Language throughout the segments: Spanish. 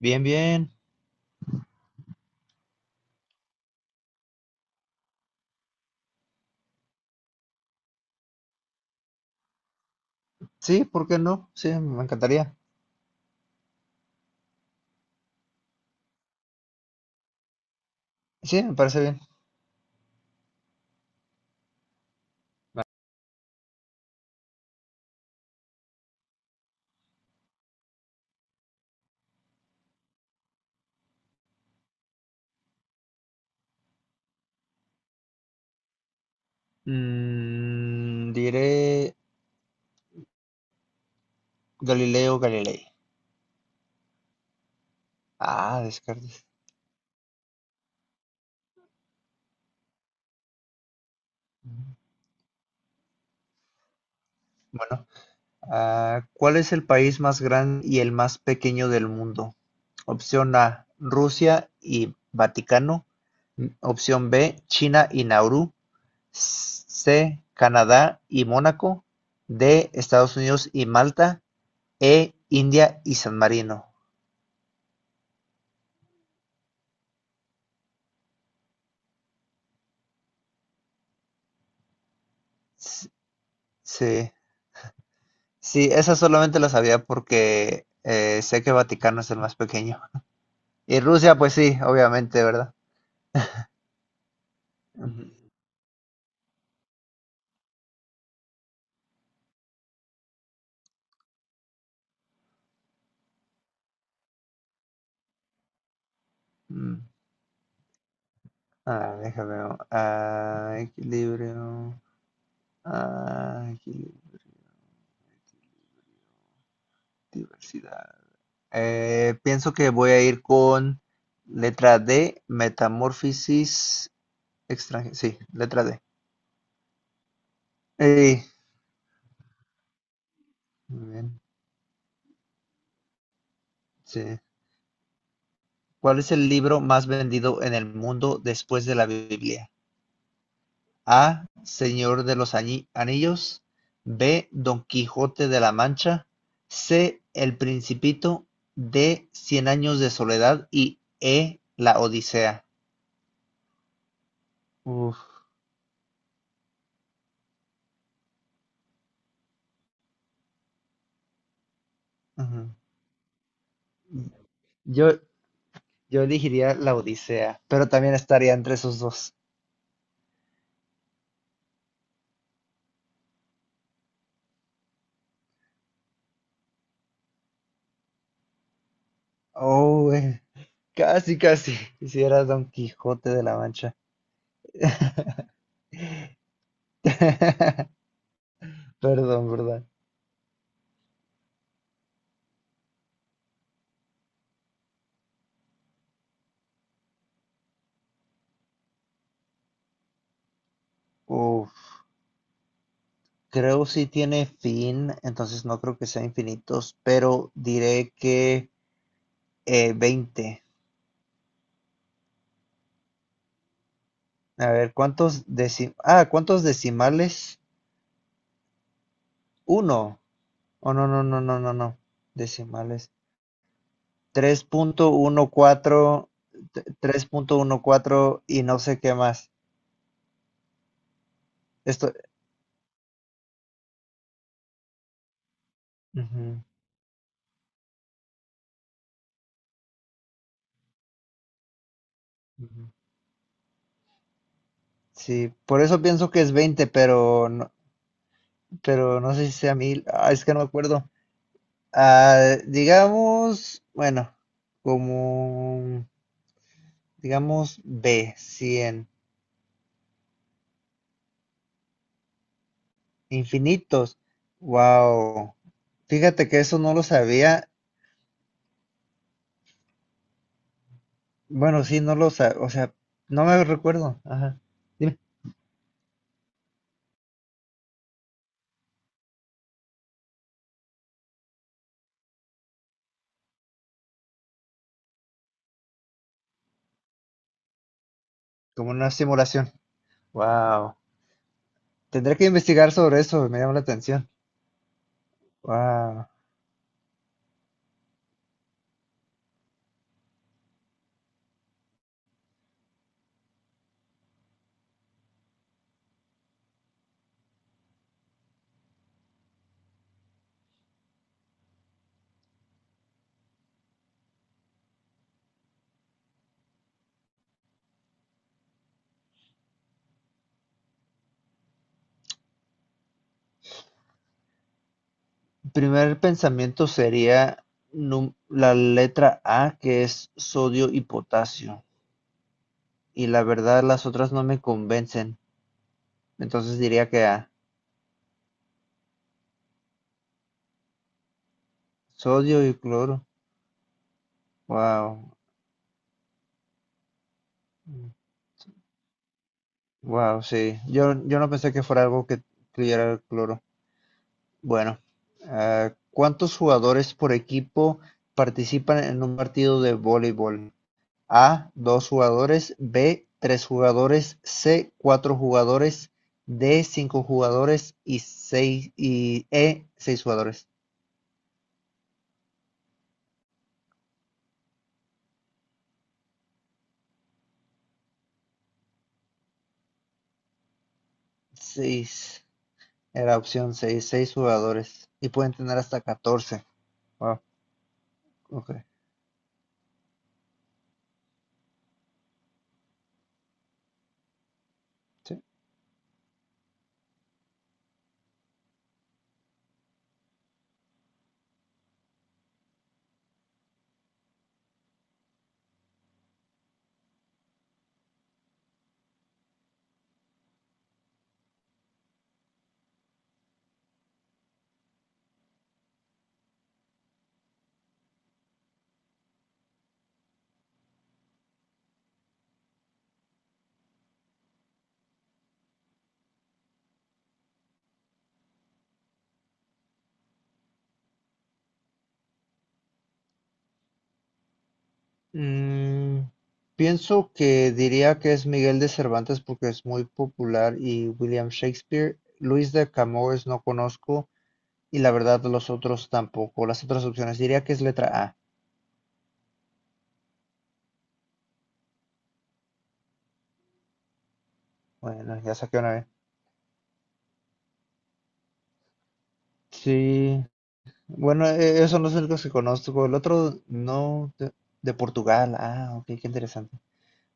Bien, bien. Sí, ¿por qué no? Sí, me encantaría. Sí, me parece bien. Diré Galileo Galilei. Ah, Descartes. Mm. Bueno, ¿cuál es el país más grande y el más pequeño del mundo? Opción A, Rusia y Vaticano. Opción B, China y Nauru. C, Canadá y Mónaco. D, Estados Unidos y Malta. E, India y San Marino. S- Sí. Sí, eso solamente lo sabía porque sé que Vaticano es el más pequeño. Y Rusia, pues sí, obviamente, ¿verdad? Ujú. Mm. Ah, déjame ver. Ah, equilibrio. Ah, equilibrio. Diversidad. Pienso que voy a ir con letra D, metamorfosis extranjera. Sí, letra D. Ey, muy bien, sí. ¿Cuál es el libro más vendido en el mundo después de la Biblia? A, Señor de los Anillos; B, Don Quijote de la Mancha; C, El Principito; D, Cien Años de Soledad, y E, La Odisea. Uf, ujú. Yo, yo elegiría la Odisea, pero también estaría entre esos dos. Oh, güey. Casi, casi. Hiciera Don Quijote de la Mancha. Perdón, ¿verdad? Uf, creo sí tiene fin, entonces no creo que sea infinitos, pero diré que 20. A ver, ¿cuántos decimales? Ah, ¿cuántos decimales? Uno. Oh, no, no, no, no, no, no. Decimales. 3.14, 3.14 y no sé qué más. Esto. Ujú, ujú. Sí, por eso pienso que es 20, pero no sé si sea mil. Ah, es que no me acuerdo. Ah, digamos, bueno, como, digamos, b cien infinitos. Wow. Fíjate que eso no lo sabía. Bueno, sí, no lo sabía. O sea, no me recuerdo. Ajá. Dime, como una simulación. Wow. Tendré que investigar sobre eso, me llama la atención. Wow. Primer pensamiento sería la letra A, que es sodio y potasio. Y la verdad, las otras no me convencen. Entonces diría que A. Sodio y cloro. Wow. Wow, sí. Yo no pensé que fuera algo que incluyera el cloro. Bueno, ¿cuántos jugadores por equipo participan en un partido de voleibol? A, dos jugadores; B, tres jugadores; C, cuatro jugadores; D, cinco jugadores y seis, y E, seis jugadores. Seis. Era opción seis, seis jugadores. Y pueden tener hasta 14. Wow, ok. Sí. Mm, pienso que diría que es Miguel de Cervantes porque es muy popular y William Shakespeare. Luis de Camões no conozco y la verdad los otros tampoco. Las otras opciones diría que es letra A. Bueno, ya saqué una vez. Sí. Bueno, esos son los únicos que conozco. El otro no, de Portugal. Ah, ok, qué interesante.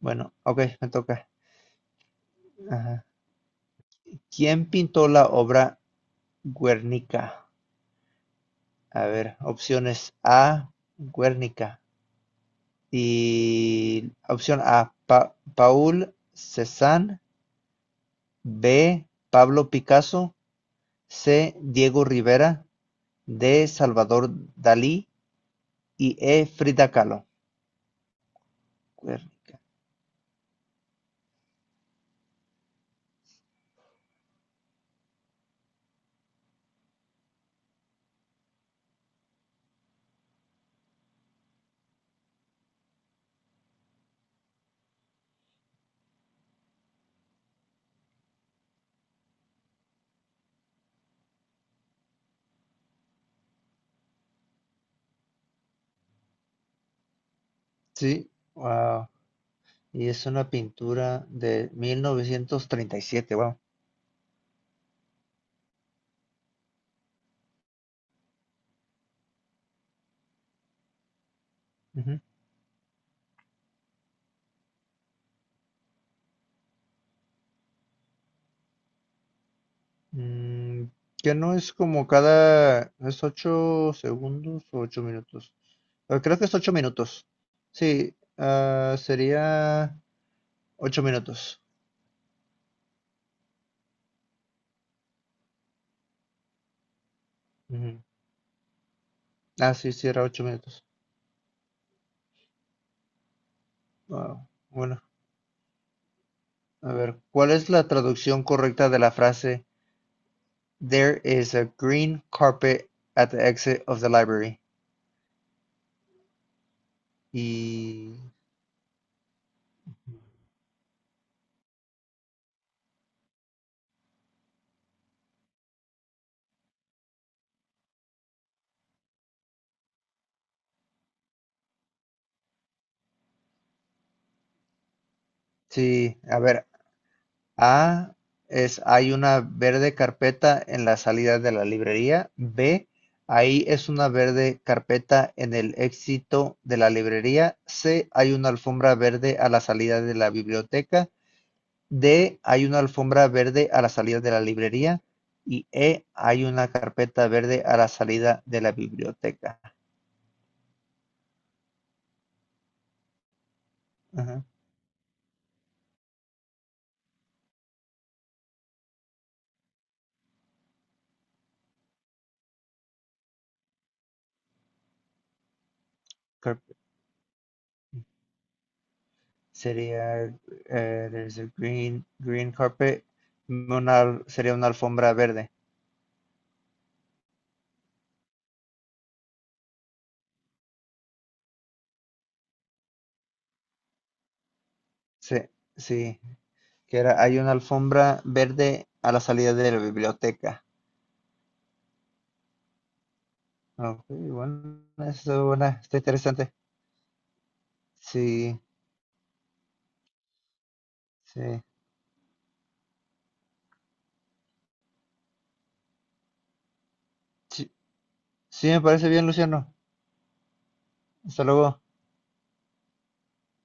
Bueno, ok, me toca. Ajá. ¿Quién pintó la obra Guernica? A ver, opciones A, Guernica. Y opción A, Paul Cézanne; B, Pablo Picasso; C, Diego Rivera; D, Salvador Dalí, y E, Frida Kahlo. Guernica. Sí, wow. Y es una pintura de 1937, wow. Ujú. Mm, que no es como... cada... ¿Es 8 segundos o 8 minutos? Creo que es 8 minutos. Sí, ah, sería 8 minutos. Ujú. Ah, sí, sí, era ocho minutos. Ah, bueno, a ver, ¿cuál es la traducción correcta de la frase There is a green carpet at the exit of the library? Y sí, a ver, A es hay una verde carpeta en la salida de la librería. B, ahí es una verde carpeta en el éxito de la librería. C, hay una alfombra verde a la salida de la biblioteca. D, hay una alfombra verde a la salida de la librería, y E, hay una carpeta verde a la salida de la biblioteca. Ajá. Carpet. Sería there's a green carpet, sería una alfombra verde. Sí, sí, que era hay una alfombra verde a la salida de la biblioteca. Ok, bueno, eso bueno, está interesante. Sí, sí. Sí, sí me parece bien, Luciano. Hasta luego.